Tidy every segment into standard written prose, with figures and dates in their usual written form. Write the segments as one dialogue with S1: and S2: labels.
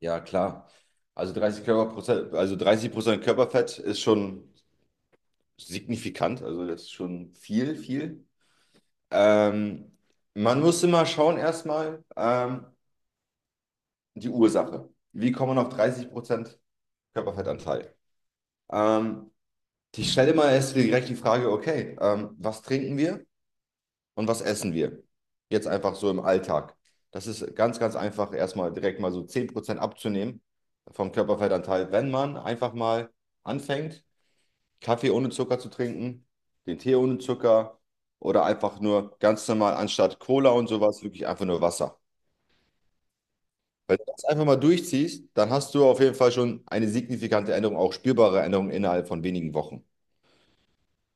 S1: Ja, klar. Also 30 Körperprozent, also 30% Körperfett ist schon signifikant, also das ist schon viel, viel. Ähm, man muss immer schauen erstmal die Ursache. Wie kommt man auf 30% Körperfettanteil? Ähm, ich stelle immer erst direkt die Frage, okay, was trinken wir und was essen wir? Jetzt einfach so im Alltag. Das ist ganz, ganz einfach, erstmal direkt mal so 10% abzunehmen vom Körperfettanteil, wenn man einfach mal anfängt Kaffee ohne Zucker zu trinken, den Tee ohne Zucker oder einfach nur ganz normal anstatt Cola und sowas wirklich einfach nur Wasser. Wenn du das einfach mal durchziehst, dann hast du auf jeden Fall schon eine signifikante Änderung, auch spürbare Änderung innerhalb von wenigen Wochen.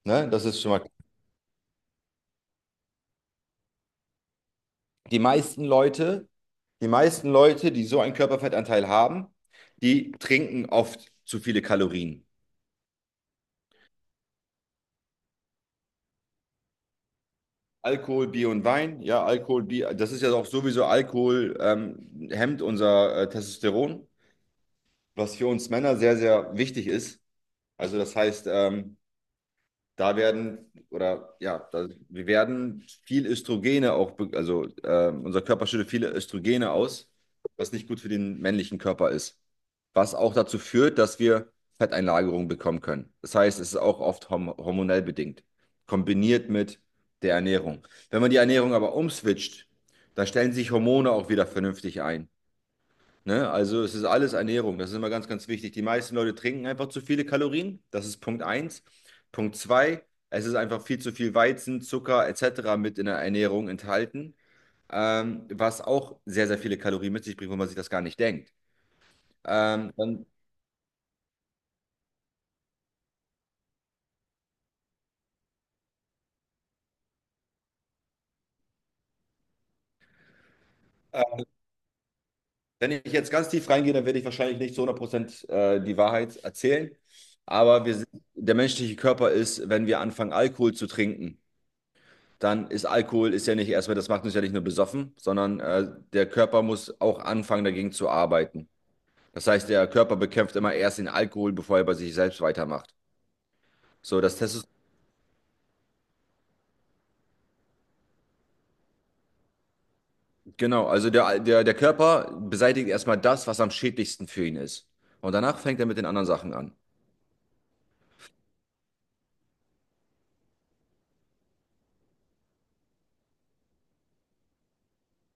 S1: Ne? Das ist schon mal. Die meisten Leute, die meisten Leute, die so einen Körperfettanteil haben, die trinken oft zu viele Kalorien. Alkohol, Bier und Wein, ja, Alkohol, Bier, das ist ja auch sowieso Alkohol, hemmt unser Testosteron, was für uns Männer sehr, sehr wichtig ist. Also das heißt, da werden oder ja, da, wir werden viel Östrogene auch, also unser Körper schüttet viele Östrogene aus, was nicht gut für den männlichen Körper ist. Was auch dazu führt, dass wir Fetteinlagerungen bekommen können. Das heißt, es ist auch oft hormonell bedingt, kombiniert mit der Ernährung. Wenn man die Ernährung aber umswitcht, dann stellen sich Hormone auch wieder vernünftig ein. Ne? Also es ist alles Ernährung, das ist immer ganz, ganz wichtig. Die meisten Leute trinken einfach zu viele Kalorien, das ist Punkt eins. Punkt 2: Es ist einfach viel zu viel Weizen, Zucker etc. mit in der Ernährung enthalten, was auch sehr, sehr viele Kalorien mit sich bringt, wo man sich das gar nicht denkt. Ähm, dann, äh, Wenn ich jetzt ganz tief reingehe, dann werde ich wahrscheinlich nicht zu 100% die Wahrheit erzählen, aber wir sind, der menschliche Körper ist, wenn wir anfangen, Alkohol zu trinken, dann ist Alkohol ist ja nicht erstmal, das macht uns ja nicht nur besoffen, sondern der Körper muss auch anfangen, dagegen zu arbeiten. Das heißt, der Körper bekämpft immer erst den Alkohol, bevor er bei sich selbst weitermacht. So, das Testosteron, genau, also der Körper beseitigt erstmal das, was am schädlichsten für ihn ist. Und danach fängt er mit den anderen Sachen an.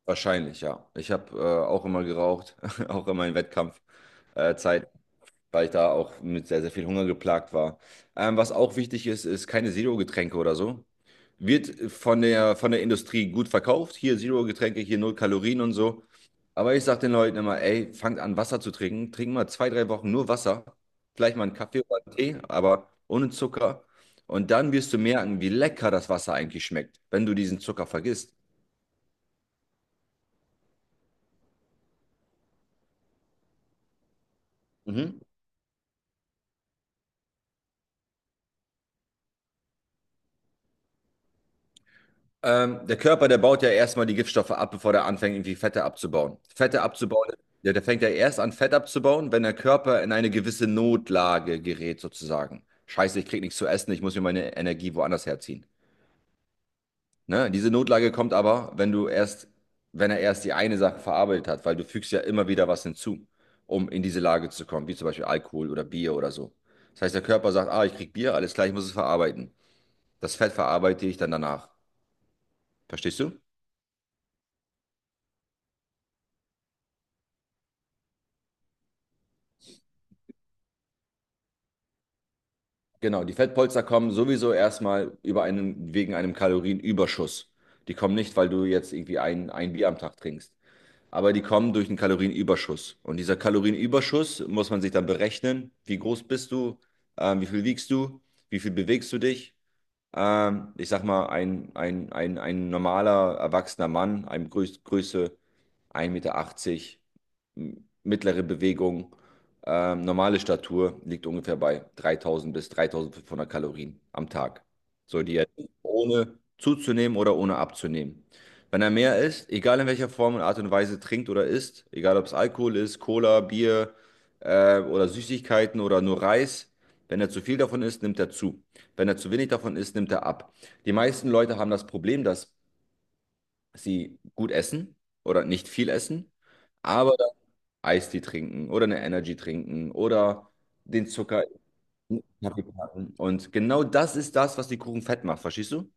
S1: Wahrscheinlich, ja. Ich habe auch immer geraucht, auch in meinen Wettkampfzeit, Zeit, weil ich da auch mit sehr, sehr viel Hunger geplagt war. Was auch wichtig ist, ist keine Zero-Getränke oder so. Wird von der Industrie gut verkauft. Hier Zero-Getränke, hier null Kalorien und so. Aber ich sage den Leuten immer, ey, fangt an, Wasser zu trinken. Trinken mal zwei, drei Wochen nur Wasser. Vielleicht mal einen Kaffee oder einen Tee, aber ohne Zucker. Und dann wirst du merken, wie lecker das Wasser eigentlich schmeckt, wenn du diesen Zucker vergisst. Mhm. Der Körper, der baut ja erstmal die Giftstoffe ab, bevor der anfängt, irgendwie Fette abzubauen. Der fängt ja erst an, Fett abzubauen, wenn der Körper in eine gewisse Notlage gerät, sozusagen. Scheiße, ich krieg nichts zu essen, ich muss mir meine Energie woanders herziehen. Ne? Diese Notlage kommt aber, wenn er erst die eine Sache verarbeitet hat, weil du fügst ja immer wieder was hinzu, um in diese Lage zu kommen, wie zum Beispiel Alkohol oder Bier oder so. Das heißt, der Körper sagt, ah, ich krieg Bier, alles klar, ich muss es verarbeiten. Das Fett verarbeite ich dann danach. Verstehst du? Genau, die Fettpolster kommen sowieso erstmal wegen einem Kalorienüberschuss. Die kommen nicht, weil du jetzt irgendwie ein Bier am Tag trinkst, aber die kommen durch einen Kalorienüberschuss. Und dieser Kalorienüberschuss muss man sich dann berechnen, wie groß bist du, wie viel wiegst du, wie viel bewegst du dich. Ich sag mal, ein normaler erwachsener Mann, einem Größe 1,80 Meter, mittlere Bewegung, normale Statur liegt ungefähr bei 3000 bis 3500 Kalorien am Tag. So, die er ohne zuzunehmen oder ohne abzunehmen. Wenn er mehr isst, egal in welcher Form und Art und Weise trinkt oder isst, egal ob es Alkohol ist, Cola, Bier oder Süßigkeiten oder nur Reis, wenn er zu viel davon isst, nimmt er zu. Wenn er zu wenig davon isst, nimmt er ab. Die meisten Leute haben das Problem, dass sie gut essen oder nicht viel essen, aber Eistee trinken oder eine Energy trinken oder den Zucker in den Kaffee packen. Und genau das ist das, was die Kuchen fett macht, verstehst du?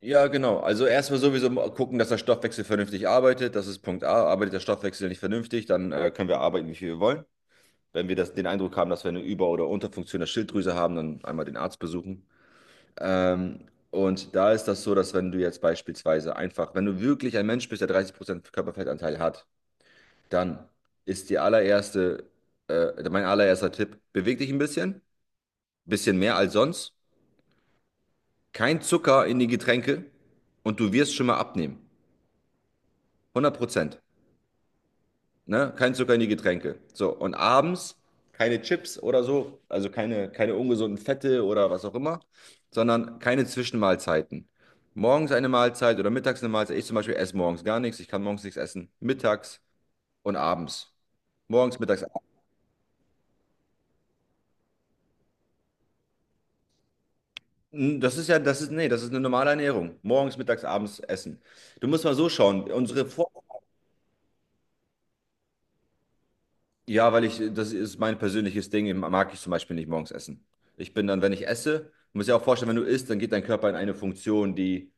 S1: Ja, genau. Also erstmal sowieso mal gucken, dass der Stoffwechsel vernünftig arbeitet. Das ist Punkt A. Arbeitet der Stoffwechsel nicht vernünftig, dann können wir arbeiten, wie viel wir wollen. Wenn wir den Eindruck haben, dass wir eine Über- oder Unterfunktion der Schilddrüse haben, dann einmal den Arzt besuchen. Und da ist das so, dass wenn du jetzt beispielsweise einfach, wenn du wirklich ein Mensch bist, der 30% Körperfettanteil hat, dann ist die allererste, mein allererster Tipp, beweg dich ein bisschen mehr als sonst. Kein Zucker in die Getränke und du wirst schon mal abnehmen. 100%. Ne? Kein Zucker in die Getränke. So, und abends keine Chips oder so, also keine ungesunden Fette oder was auch immer, sondern keine Zwischenmahlzeiten. Morgens eine Mahlzeit oder mittags eine Mahlzeit. Ich zum Beispiel esse morgens gar nichts. Ich kann morgens nichts essen. Mittags und abends. Morgens, mittags. Das ist ja, das ist, nee, das ist eine normale Ernährung. Morgens, mittags, abends essen. Du musst mal so schauen. Unsere Vor Ja, weil ich, das ist mein persönliches Ding, mag ich zum Beispiel nicht morgens essen. Ich bin dann, wenn ich esse, muss ja auch vorstellen, wenn du isst, dann geht dein Körper in eine Funktion, die,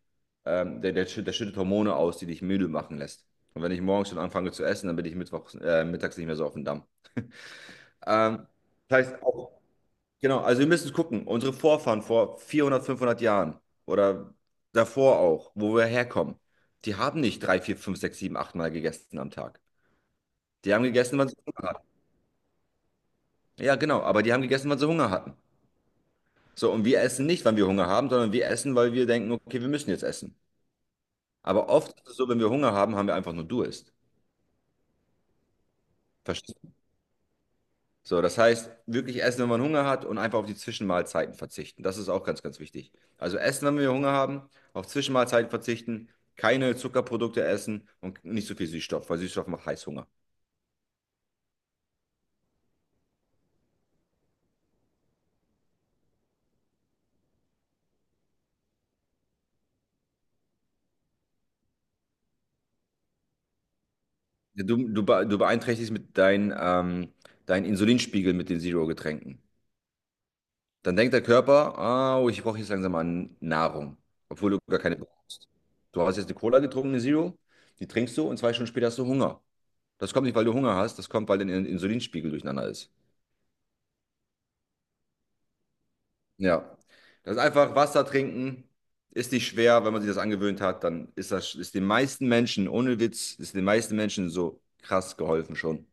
S1: der, der, schütt- der schüttet Hormone aus, die dich müde machen lässt. Und wenn ich morgens schon anfange zu essen, dann bin ich mittags nicht mehr so auf dem Damm. Ähm, das heißt, auch Genau, also wir müssen gucken, unsere Vorfahren vor 400, 500 Jahren oder davor auch, wo wir herkommen, die haben nicht drei, vier, fünf, sechs, sieben, acht Mal gegessen am Tag. Die haben gegessen, wann sie Hunger hatten. Ja, genau, aber die haben gegessen, wann sie Hunger hatten. So, und wir essen nicht, wann wir Hunger haben, sondern wir essen, weil wir denken, okay, wir müssen jetzt essen. Aber oft ist es so, wenn wir Hunger haben, haben wir einfach nur Durst. Verstehst? So, das heißt, wirklich essen, wenn man Hunger hat und einfach auf die Zwischenmahlzeiten verzichten. Das ist auch ganz, ganz wichtig. Also essen, wenn wir Hunger haben, auf Zwischenmahlzeiten verzichten, keine Zuckerprodukte essen und nicht so viel Süßstoff, weil Süßstoff macht Heißhunger. Du beeinträchtigst mit deinen Insulinspiegel mit den Zero-Getränken. Dann denkt der Körper, ah, oh, ich brauche jetzt langsam mal Nahrung, obwohl du gar keine brauchst. Du hast jetzt eine Cola getrunken, eine Zero, die trinkst du und 2 Stunden später hast du Hunger. Das kommt nicht, weil du Hunger hast, das kommt, weil dein Insulinspiegel durcheinander ist. Ja. Das ist einfach Wasser trinken, ist nicht schwer, wenn man sich das angewöhnt hat, dann ist das ist den meisten Menschen, ohne Witz, ist den meisten Menschen so krass geholfen schon.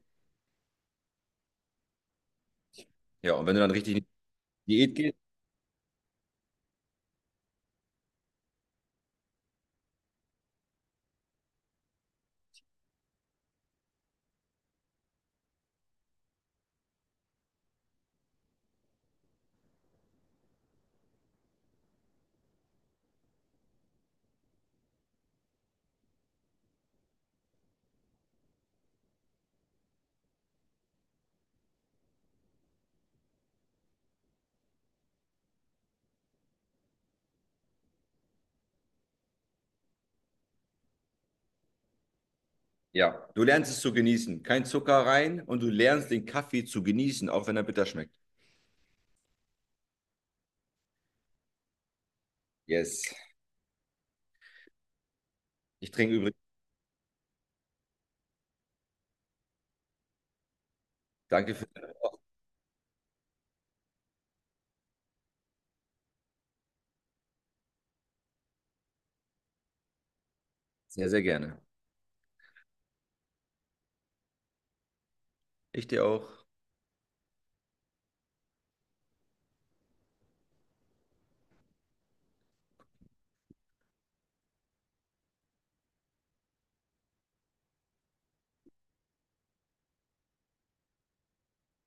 S1: Ja, und wenn du dann richtig in die Diät gehst, ja, du lernst es zu genießen. Kein Zucker rein und du lernst den Kaffee zu genießen, auch wenn er bitter schmeckt. Yes. Ich trinke übrigens. Danke für sehr, sehr gerne. Ich dir auch.